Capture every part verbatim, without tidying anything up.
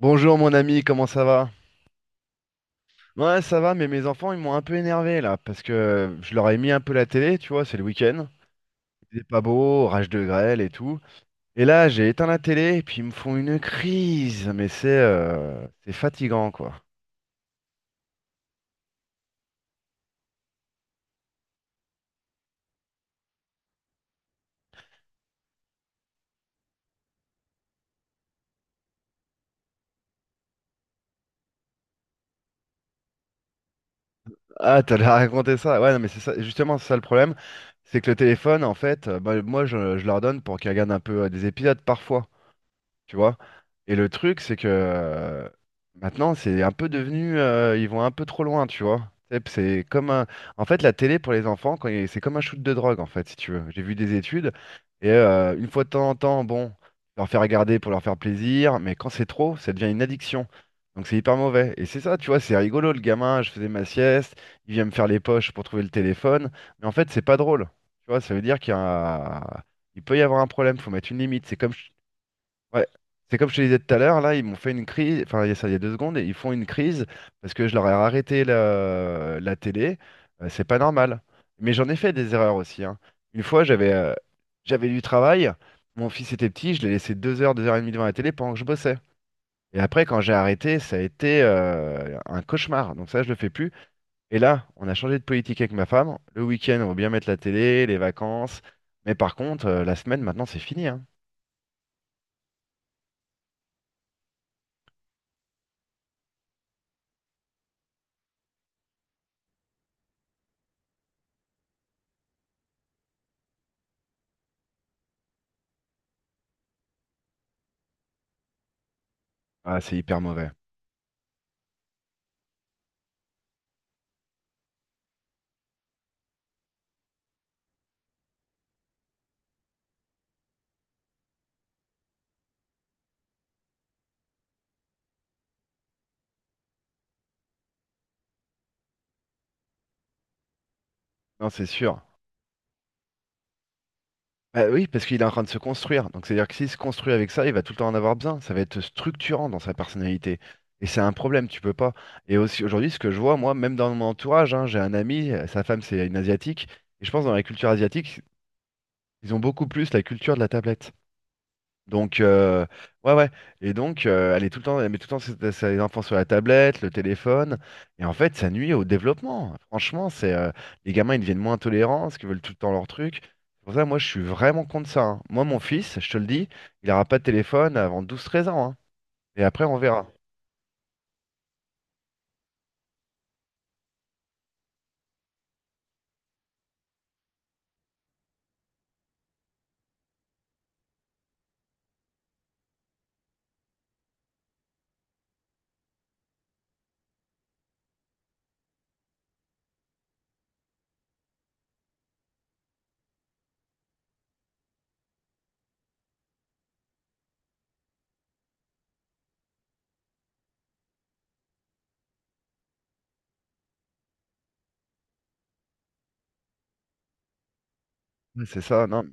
Bonjour mon ami, comment ça va? Ouais, ça va, mais mes enfants, ils m'ont un peu énervé là, parce que je leur ai mis un peu la télé, tu vois, c'est le week-end. Il est pas beau, rage de grêle et tout. Et là, j'ai éteint la télé, et puis ils me font une crise, mais c'est euh, c'est fatigant quoi. Ah, t'allais raconter ça? Ouais, non, mais c'est ça, justement, c'est ça le problème. C'est que le téléphone, en fait, euh, bah, moi, je, je leur donne pour qu'ils regardent un peu euh, des épisodes parfois. Tu vois. Et le truc, c'est que euh, maintenant, c'est un peu devenu, euh, ils vont un peu trop loin, tu vois. C'est c'est comme un... En fait, la télé pour les enfants, quand il- c'est comme un shoot de drogue, en fait, si tu veux. J'ai vu des études, et euh, une fois de temps en temps, bon, leur faire regarder pour leur faire plaisir, mais quand c'est trop, ça devient une addiction. Donc c'est hyper mauvais. Et c'est ça, tu vois, c'est rigolo, le gamin, je faisais ma sieste, il vient me faire les poches pour trouver le téléphone, mais en fait, c'est pas drôle. Tu vois, ça veut dire qu'il y a... un- il peut y avoir un problème, faut mettre une limite. C'est comme. Ouais. C'est comme je te disais tout à l'heure, là, ils m'ont fait une crise, enfin, il y a ça, il y a deux secondes, et ils font une crise parce que je leur ai arrêté la, la télé. Euh, c'est pas normal. Mais j'en ai fait des erreurs aussi, hein. Une fois, j'avais euh, j'avais du travail, mon fils était petit, je l'ai laissé deux heures, deux heures et demie devant la télé pendant que je bossais. Et après, quand j'ai arrêté, ça a été euh, un cauchemar. Donc ça, je le fais plus. Et là, on a changé de politique avec ma femme. Le week-end, on va bien mettre la télé, les vacances. Mais par contre, euh, la semaine, maintenant, c'est fini, hein. Ah, c'est hyper mauvais. Non, c'est sûr. Bah oui, parce qu'il est en train de se construire. Donc c'est-à-dire que s'il se construit avec ça, il va tout le temps en avoir besoin. Ça va être structurant dans sa personnalité. Et c'est un problème, tu peux pas. Et aussi aujourd'hui, ce que je vois, moi, même dans mon entourage, hein, j'ai un ami, euh, sa femme, c'est une asiatique. Et je pense dans la culture asiatique, ils ont beaucoup plus la culture de la tablette. Donc, euh, ouais, ouais. Et donc, euh, elle est tout le temps, elle met tout le temps ses, ses enfants sur la tablette, le téléphone. Et en fait, ça nuit au développement. Franchement, c'est euh, les gamins, ils deviennent moins tolérants parce qu'ils veulent tout le temps leur truc. C'est pour ça, moi, je suis vraiment contre ça, hein. Moi, mon fils, je te le dis, il n'aura pas de téléphone avant douze treize ans, hein. Et après, on verra. Ouais, c'est ça, non,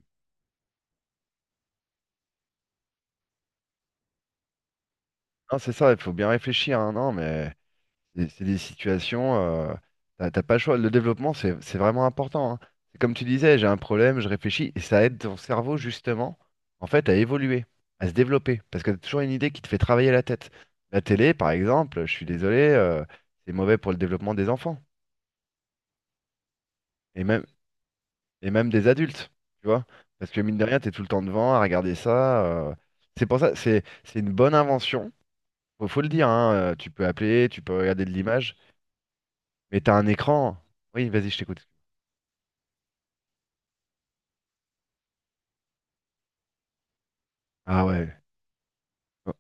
non, c'est ça, il faut bien réfléchir, hein. Non, mais. C'est c'est des situations, euh, t'as t'as pas le choix. Le développement, c'est c'est vraiment important, hein. C'est comme tu disais, j'ai un problème, je réfléchis, et ça aide ton cerveau justement, en fait, à évoluer, à se développer, parce que t'as toujours une idée qui te fait travailler la tête. La télé, par exemple, je suis désolé, euh, c'est mauvais pour le développement des enfants, et même, et même des adultes, tu vois, parce que mine de rien, t'es tout le temps devant à regarder ça. euh. C'est pour ça, c'est c'est une bonne invention. Faut, faut le dire, hein, euh, tu peux appeler, tu peux regarder de l'image, mais t'as un écran. Oui, vas-y, je t'écoute. Ah ouais, oh,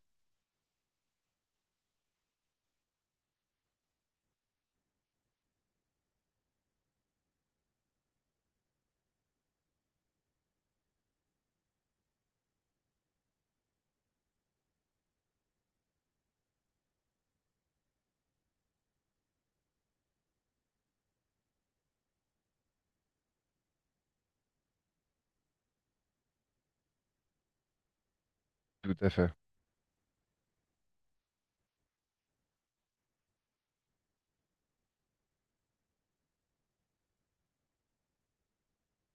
tout à fait.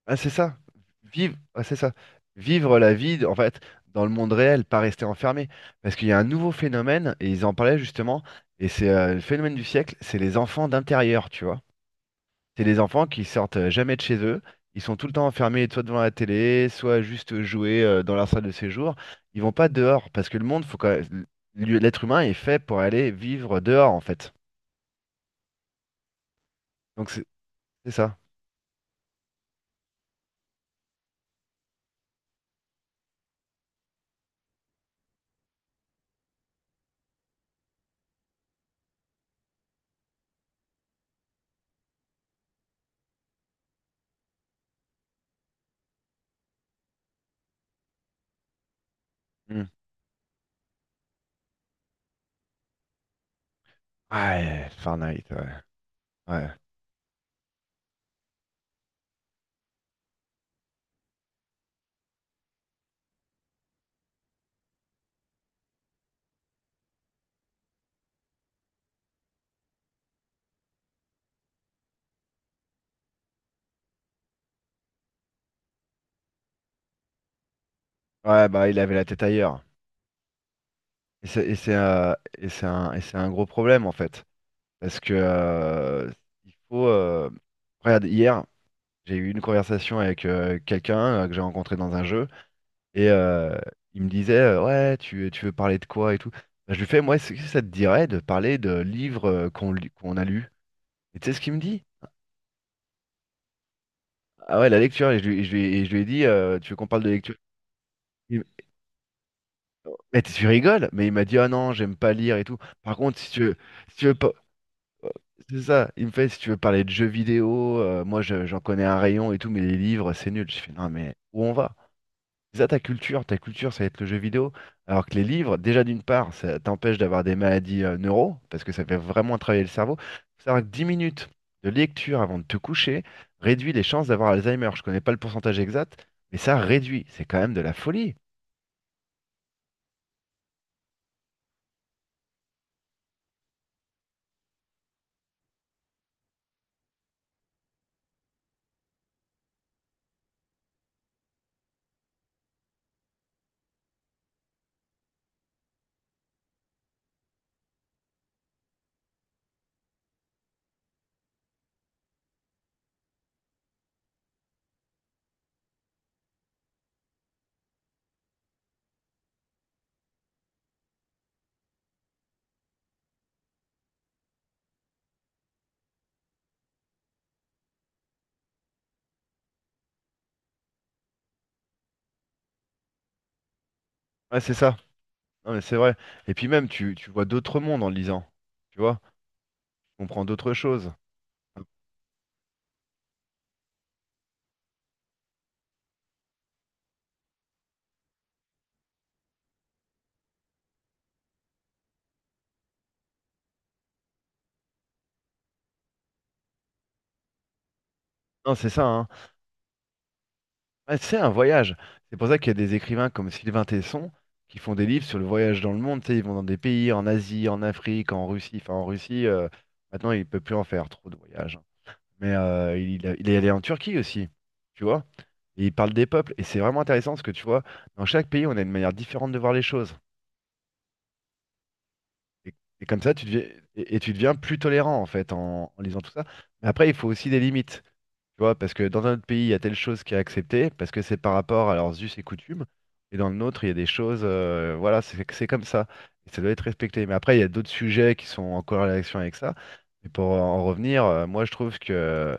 Ah c'est ça, vivre, ah, c'est ça, vivre la vie en fait dans le monde réel, pas rester enfermé, parce qu'il y a un nouveau phénomène et ils en parlaient justement et c'est euh, le phénomène du siècle, c'est les enfants d'intérieur, tu vois. C'est les enfants qui sortent euh, jamais de chez eux, ils sont tout le temps enfermés soit devant la télé, soit juste jouer euh, dans leur salle de séjour. Ils vont pas dehors parce que le monde, faut quand lui- l'être humain est fait pour aller vivre dehors en fait. Donc c'est c'est ça. Hmm. Ouais, Fahrenheit, ouais. Ouais. Ouais, bah il avait la tête ailleurs. Et c'est et c'est, euh, et c'est un, et c'est un gros problème en fait. Parce que euh, il faut. euh, Regarde, hier, j'ai eu une conversation avec euh, quelqu'un euh, que j'ai rencontré dans un jeu. Et euh, il me disait euh, ouais, tu, tu veux parler de quoi et tout. Bah, je lui fais moi, est-ce que ça te dirait de parler de livres euh, qu'on lit- qu'on a lus? Et tu sais ce qu'il me dit? Ah ouais, la lecture. Et je lui, et je lui- et je lui ai dit euh, tu veux qu'on parle de lecture? Il- Mais tu rigoles? Mais il m'a dit ah non, j'aime pas lire et tout. Par contre, si tu veux. Si tu veux pas... C'est ça. Il me fait, si tu veux parler de jeux vidéo, euh, moi je- j'en connais un rayon et tout, mais les livres, c'est nul. Je fais, non, mais où on va? C'est ça ta culture, ta culture, ça va être le jeu vidéo. Alors que les livres, déjà d'une part, ça t'empêche d'avoir des maladies euh, neuro, parce que ça fait vraiment travailler le cerveau. Faut savoir que dix minutes de lecture avant de te coucher réduit les chances d'avoir Alzheimer. Je connais pas le pourcentage exact, mais ça réduit. C'est quand même de la folie. Ouais, c'est ça. Non, mais c'est vrai. Et puis même, tu, tu vois d'autres mondes en lisant. Tu vois, tu comprends d'autres choses. Non, c'est ça, hein. Ouais, c'est un voyage. C'est pour ça qu'il y a des écrivains comme Sylvain Tesson qui font des livres sur le voyage dans le monde. Tu sais, ils vont dans des pays, en Asie, en Afrique, en Russie. Enfin, en Russie, euh, maintenant, il peut plus en faire trop de voyages, hein. Mais euh, il, a- il est allé en Turquie aussi, tu vois. Et il parle des peuples. Et c'est vraiment intéressant parce que tu vois, dans chaque pays, on a une manière différente de voir les choses. Et, et comme ça, tu deviens, et, et tu deviens plus tolérant en fait en, en lisant tout ça. Mais après, il faut aussi des limites. Tu vois, parce que dans un autre pays, il y a telle chose qui est acceptée, parce que c'est par rapport à leurs us et coutumes. Et dans le nôtre, il y a des choses, euh, voilà, c'est c'est comme ça. Et ça doit être respecté. Mais après, il y a d'autres sujets qui sont en corrélation avec ça. Et pour en revenir, euh, moi, je trouve que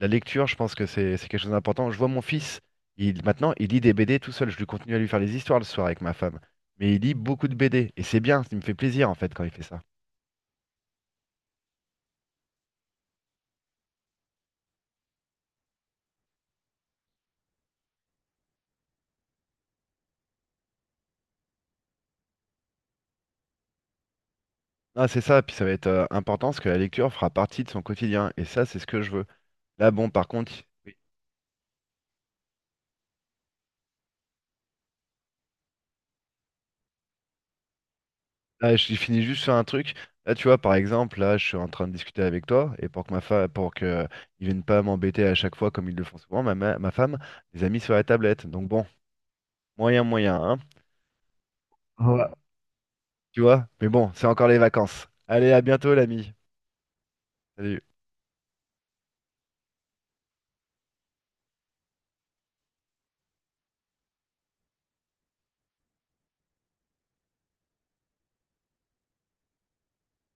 la lecture, je pense que c'est c'est quelque chose d'important. Je vois mon fils, il, maintenant, il lit des B D tout seul. Je lui continue à lui faire les histoires le soir avec ma femme mais il lit beaucoup de B D. Et c'est bien, ça me fait plaisir en fait quand il fait ça. Ah, c'est ça, puis ça va être euh, important parce que la lecture fera partie de son quotidien. Et ça, c'est ce que je veux. Là, bon, par contre, oui. Là, je finis juste sur un truc. Là, tu vois, par exemple, là, je suis en train de discuter avec toi, et pour que ma femme, pour que euh, ils viennent pas m'embêter à chaque fois comme ils le font souvent, ma, ma, ma femme les a mis sur la tablette. Donc bon, moyen, moyen, hein. Ouais. Tu vois? Mais bon, c'est encore les vacances. Allez, à bientôt, l'ami. Salut.